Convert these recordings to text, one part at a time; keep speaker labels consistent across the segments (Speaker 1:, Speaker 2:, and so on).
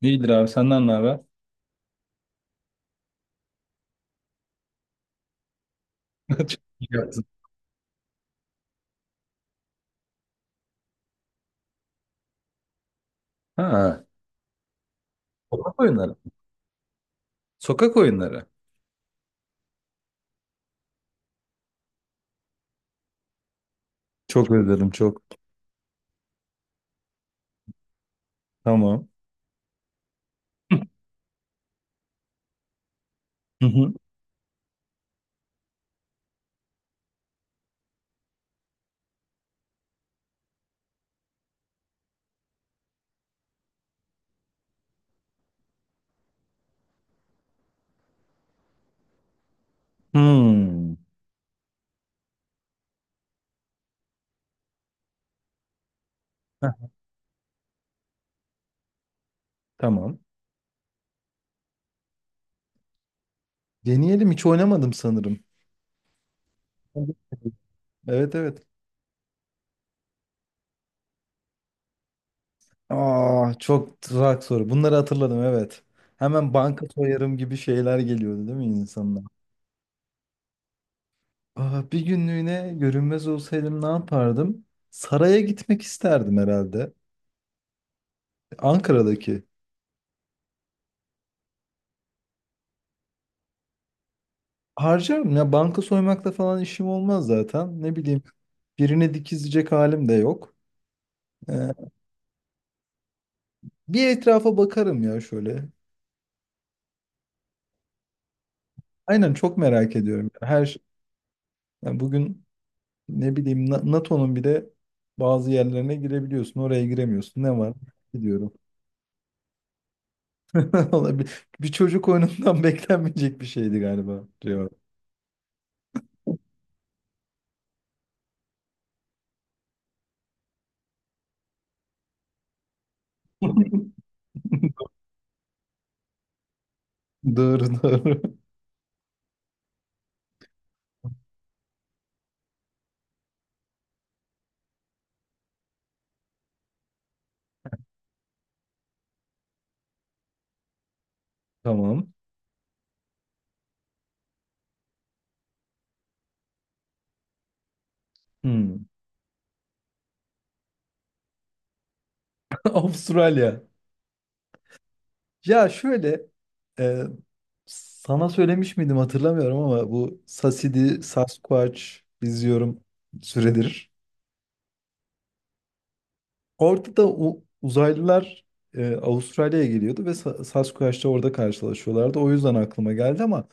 Speaker 1: İyidir abi senden ne haber? Çok iyi yaptın. Ha, sokak oyunları. Sokak oyunları. Çok özledim çok. Tamam. Hı hı. Hmm. Heh, tamam. Deneyelim, hiç oynamadım sanırım. Evet evet. Aa, çok tuzak soru. Bunları hatırladım, evet. Hemen banka soyarım gibi şeyler geliyordu değil mi insanlar? Aa, bir günlüğüne görünmez olsaydım ne yapardım? Saraya gitmek isterdim herhalde. Ankara'daki. Harcarım ya, banka soymakla falan işim olmaz zaten. Ne bileyim, birine dikizleyecek halim de yok. Ee, Bir etrafa bakarım ya şöyle. Aynen, çok merak ediyorum yani. Her şey. Yani bugün ne bileyim, NATO'nun bir de bazı yerlerine girebiliyorsun. Oraya giremiyorsun. Ne var? Gidiyorum. Vallahi bir çocuk oyunundan beklenmeyecek bir şeydi galiba. Cevap. Doğru doğru. Tamam. Hmm. Avustralya. Ya şöyle, e, Sana söylemiş miydim hatırlamıyorum ama bu Sasidi, Sasquatch izliyorum süredir. Orada da uzaylılar Avustralya'ya geliyordu ve Sasquatch'la orada karşılaşıyorlardı. O yüzden aklıma geldi ama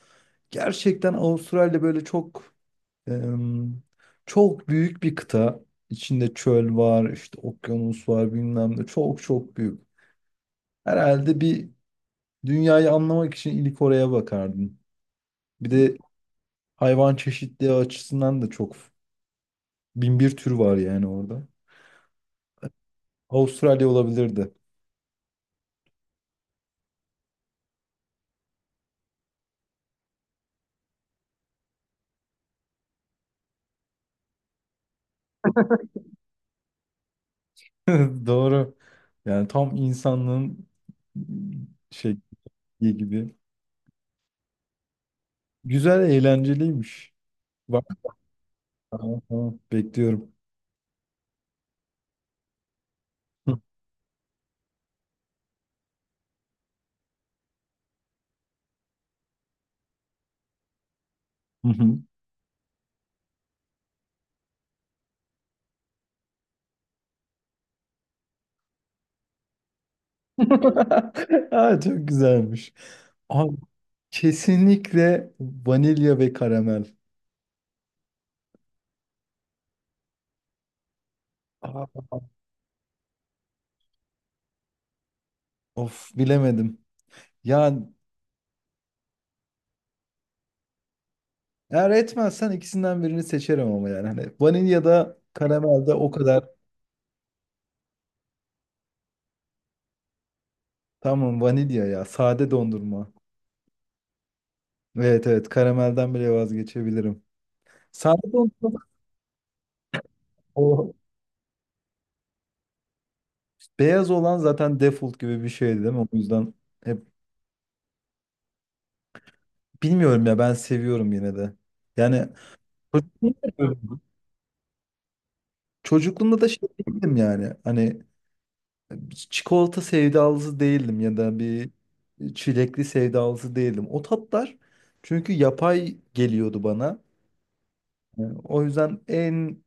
Speaker 1: gerçekten Avustralya böyle çok em, çok büyük bir kıta. İçinde çöl var, işte okyanus var bilmem ne. Çok çok büyük. Herhalde bir, dünyayı anlamak için ilk oraya bakardım. Bir de hayvan çeşitliği açısından da çok bin bir tür var yani orada. Avustralya olabilirdi. Doğru. Yani tam insanlığın şey gibi. Güzel, eğlenceliymiş. Bak, tamam, tamam. Bekliyorum. Hı hı. Aa, çok güzelmiş. Abi, kesinlikle vanilya ve karamel. Aa, of bilemedim. Yani. Eğer etmezsen ikisinden birini seçerim ama yani. Hani vanilya da karamel de o kadar. Tamam, vanilya ya. Sade dondurma. Evet evet, karamelden bile vazgeçebilirim. Sade dondurma, o beyaz olan zaten default gibi bir şeydi değil mi? O yüzden hep, bilmiyorum ya, ben seviyorum yine de. Yani çocukluğumda çocukluğumda da şey değildim yani. Hani çikolata sevdalısı değildim ya da bir çilekli sevdalısı değildim. O tatlar çünkü yapay geliyordu bana. Yani o yüzden en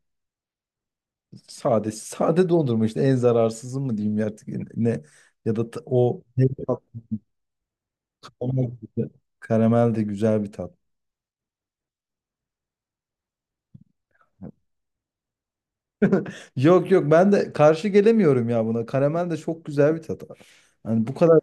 Speaker 1: sade, sade dondurma işte en zararsızı mı diyeyim ya artık, ne, ya da o, ne tat? karamel de karamel de güzel bir tat. Yok yok, ben de karşı gelemiyorum ya buna. Karamel de çok güzel bir tat. Hani bu kadar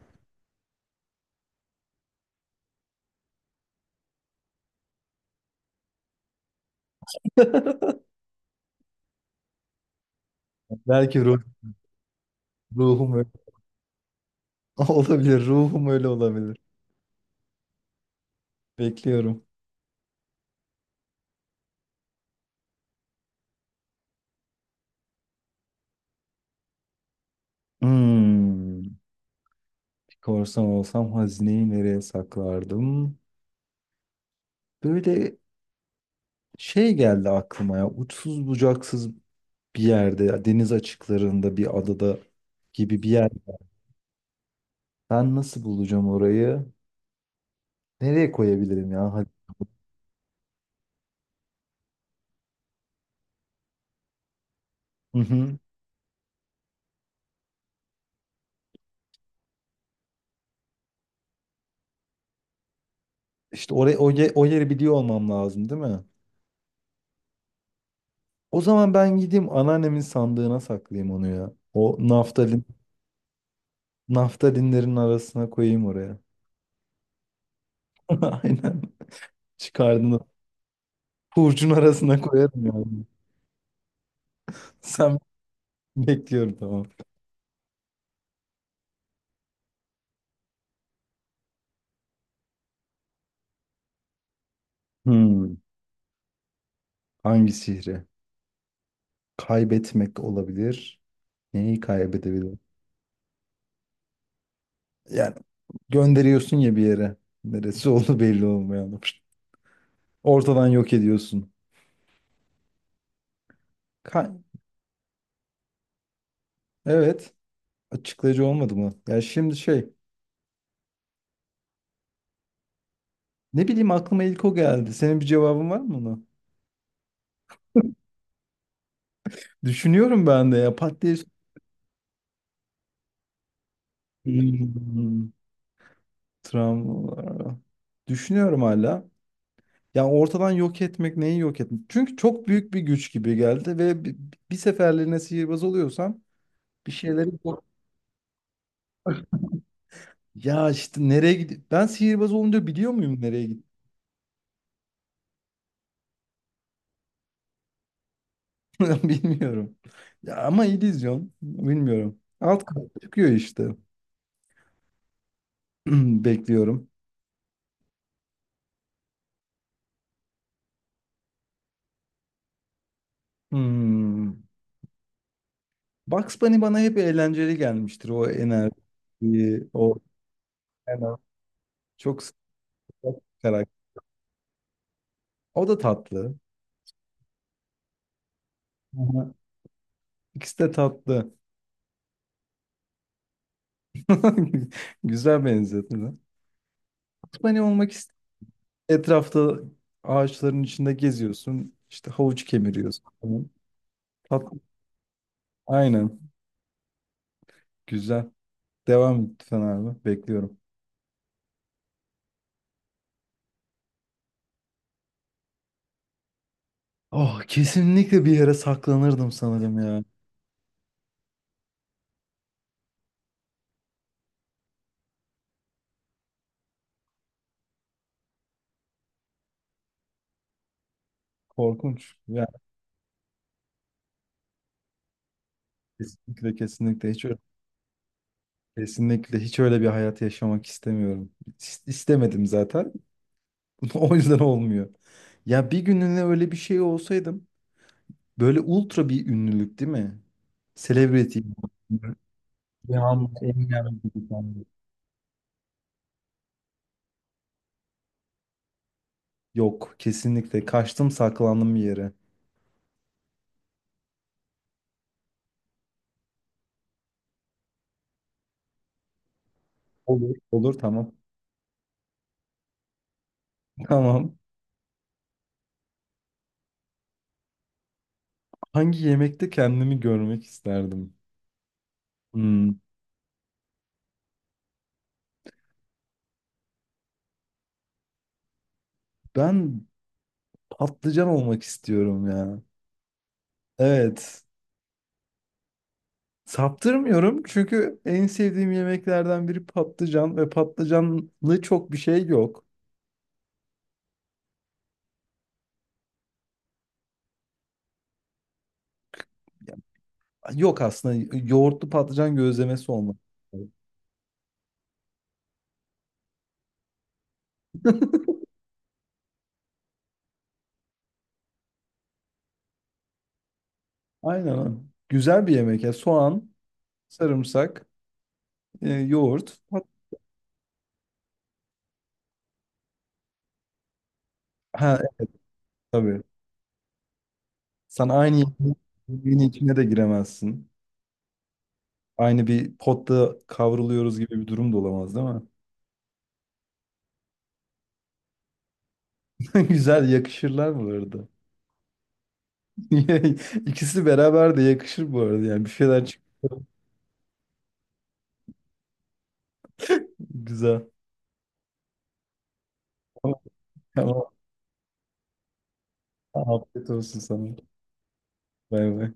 Speaker 1: belki ruhum öyle olabilir. Ruhum öyle olabilir. Bekliyorum. Hmm, bir korsan olsam hazineyi nereye saklardım? Böyle şey geldi aklıma ya, uçsuz bucaksız bir yerde, deniz açıklarında bir adada gibi bir yer. Ben nasıl bulacağım orayı? Nereye koyabilirim ya? Hadi. Hı hı. İşte oraya, o yeri biliyor olmam lazım değil mi? O zaman ben gideyim anneannemin sandığına saklayayım onu ya. Naftalinlerin arasına koyayım oraya. Aynen. Çıkardığında hurcun arasına koyarım yani. Sen Bekliyorum, tamam. Hmm. Hangi sihri? Kaybetmek olabilir. Neyi kaybedebilirim? Yani gönderiyorsun ya bir yere. Neresi oldu belli olmayan. Ortadan yok ediyorsun. Ka- evet. Açıklayıcı olmadı mı? Ya şimdi şey. Ne bileyim, aklıma ilk o geldi. Senin bir cevabın var mı ona? Düşünüyorum ben de ya. Pat diye... Hmm, travmalar. Düşünüyorum hala. Ya, ortadan yok etmek, neyi yok etmek? Çünkü çok büyük bir güç gibi geldi ve bir seferliğine sihirbaz oluyorsam bir şeyleri... Ya işte nereye gidiyor? Ben sihirbaz olunca biliyor muyum nereye gidiyor? Bilmiyorum. Ya ama illüzyon. Bilmiyorum. Alt kat çıkıyor işte. Bekliyorum. Hmm. Bugs Bunny bana hep eğlenceli gelmiştir. O enerji, o enerji. Çok sıcak bir karakter. O da tatlı. Aha. İkisi de tatlı. Güzel benzetme. Bugs Bunny olmak ist Etrafta ağaçların içinde geziyorsun. İşte havuç kemiriyorsun falan. Tatlı. Aynen. Güzel. Devam et lütfen abi. Bekliyorum. Oh, kesinlikle bir yere saklanırdım sanırım ya. Korkunç. Yani kesinlikle, kesinlikle hiç öyle bir hayat yaşamak istemiyorum. İstemedim zaten. O yüzden olmuyor. Ya bir gününe öyle bir şey olsaydım böyle ultra bir ünlülük, değil mi? Celebrity. Rihanna, Eminem gibi falan. Yok, kesinlikle kaçtım, saklandım bir yere. Olur. Olur, tamam. Tamam. Hangi yemekte kendimi görmek isterdim? Hmm. Ben patlıcan olmak istiyorum ya. Evet. Saptırmıyorum çünkü en sevdiğim yemeklerden biri patlıcan ve patlıcanlı çok bir şey yok. Ya, yok, aslında yoğurtlu patlıcan gözlemesi olmak istiyorum. Aynen, öyle. Güzel bir yemek ya. Soğan, sarımsak, yoğurt. Ha evet, tabii. Sen aynı yemeğin içine de giremezsin. Aynı bir potta kavruluyoruz gibi bir durum da olamaz, değil mi? Güzel, yakışırlar bu arada. İkisi beraber de yakışır bu arada, yani bir şeyler güzel. Tamam. Tamam. Afiyet olsun sana. Bay bay.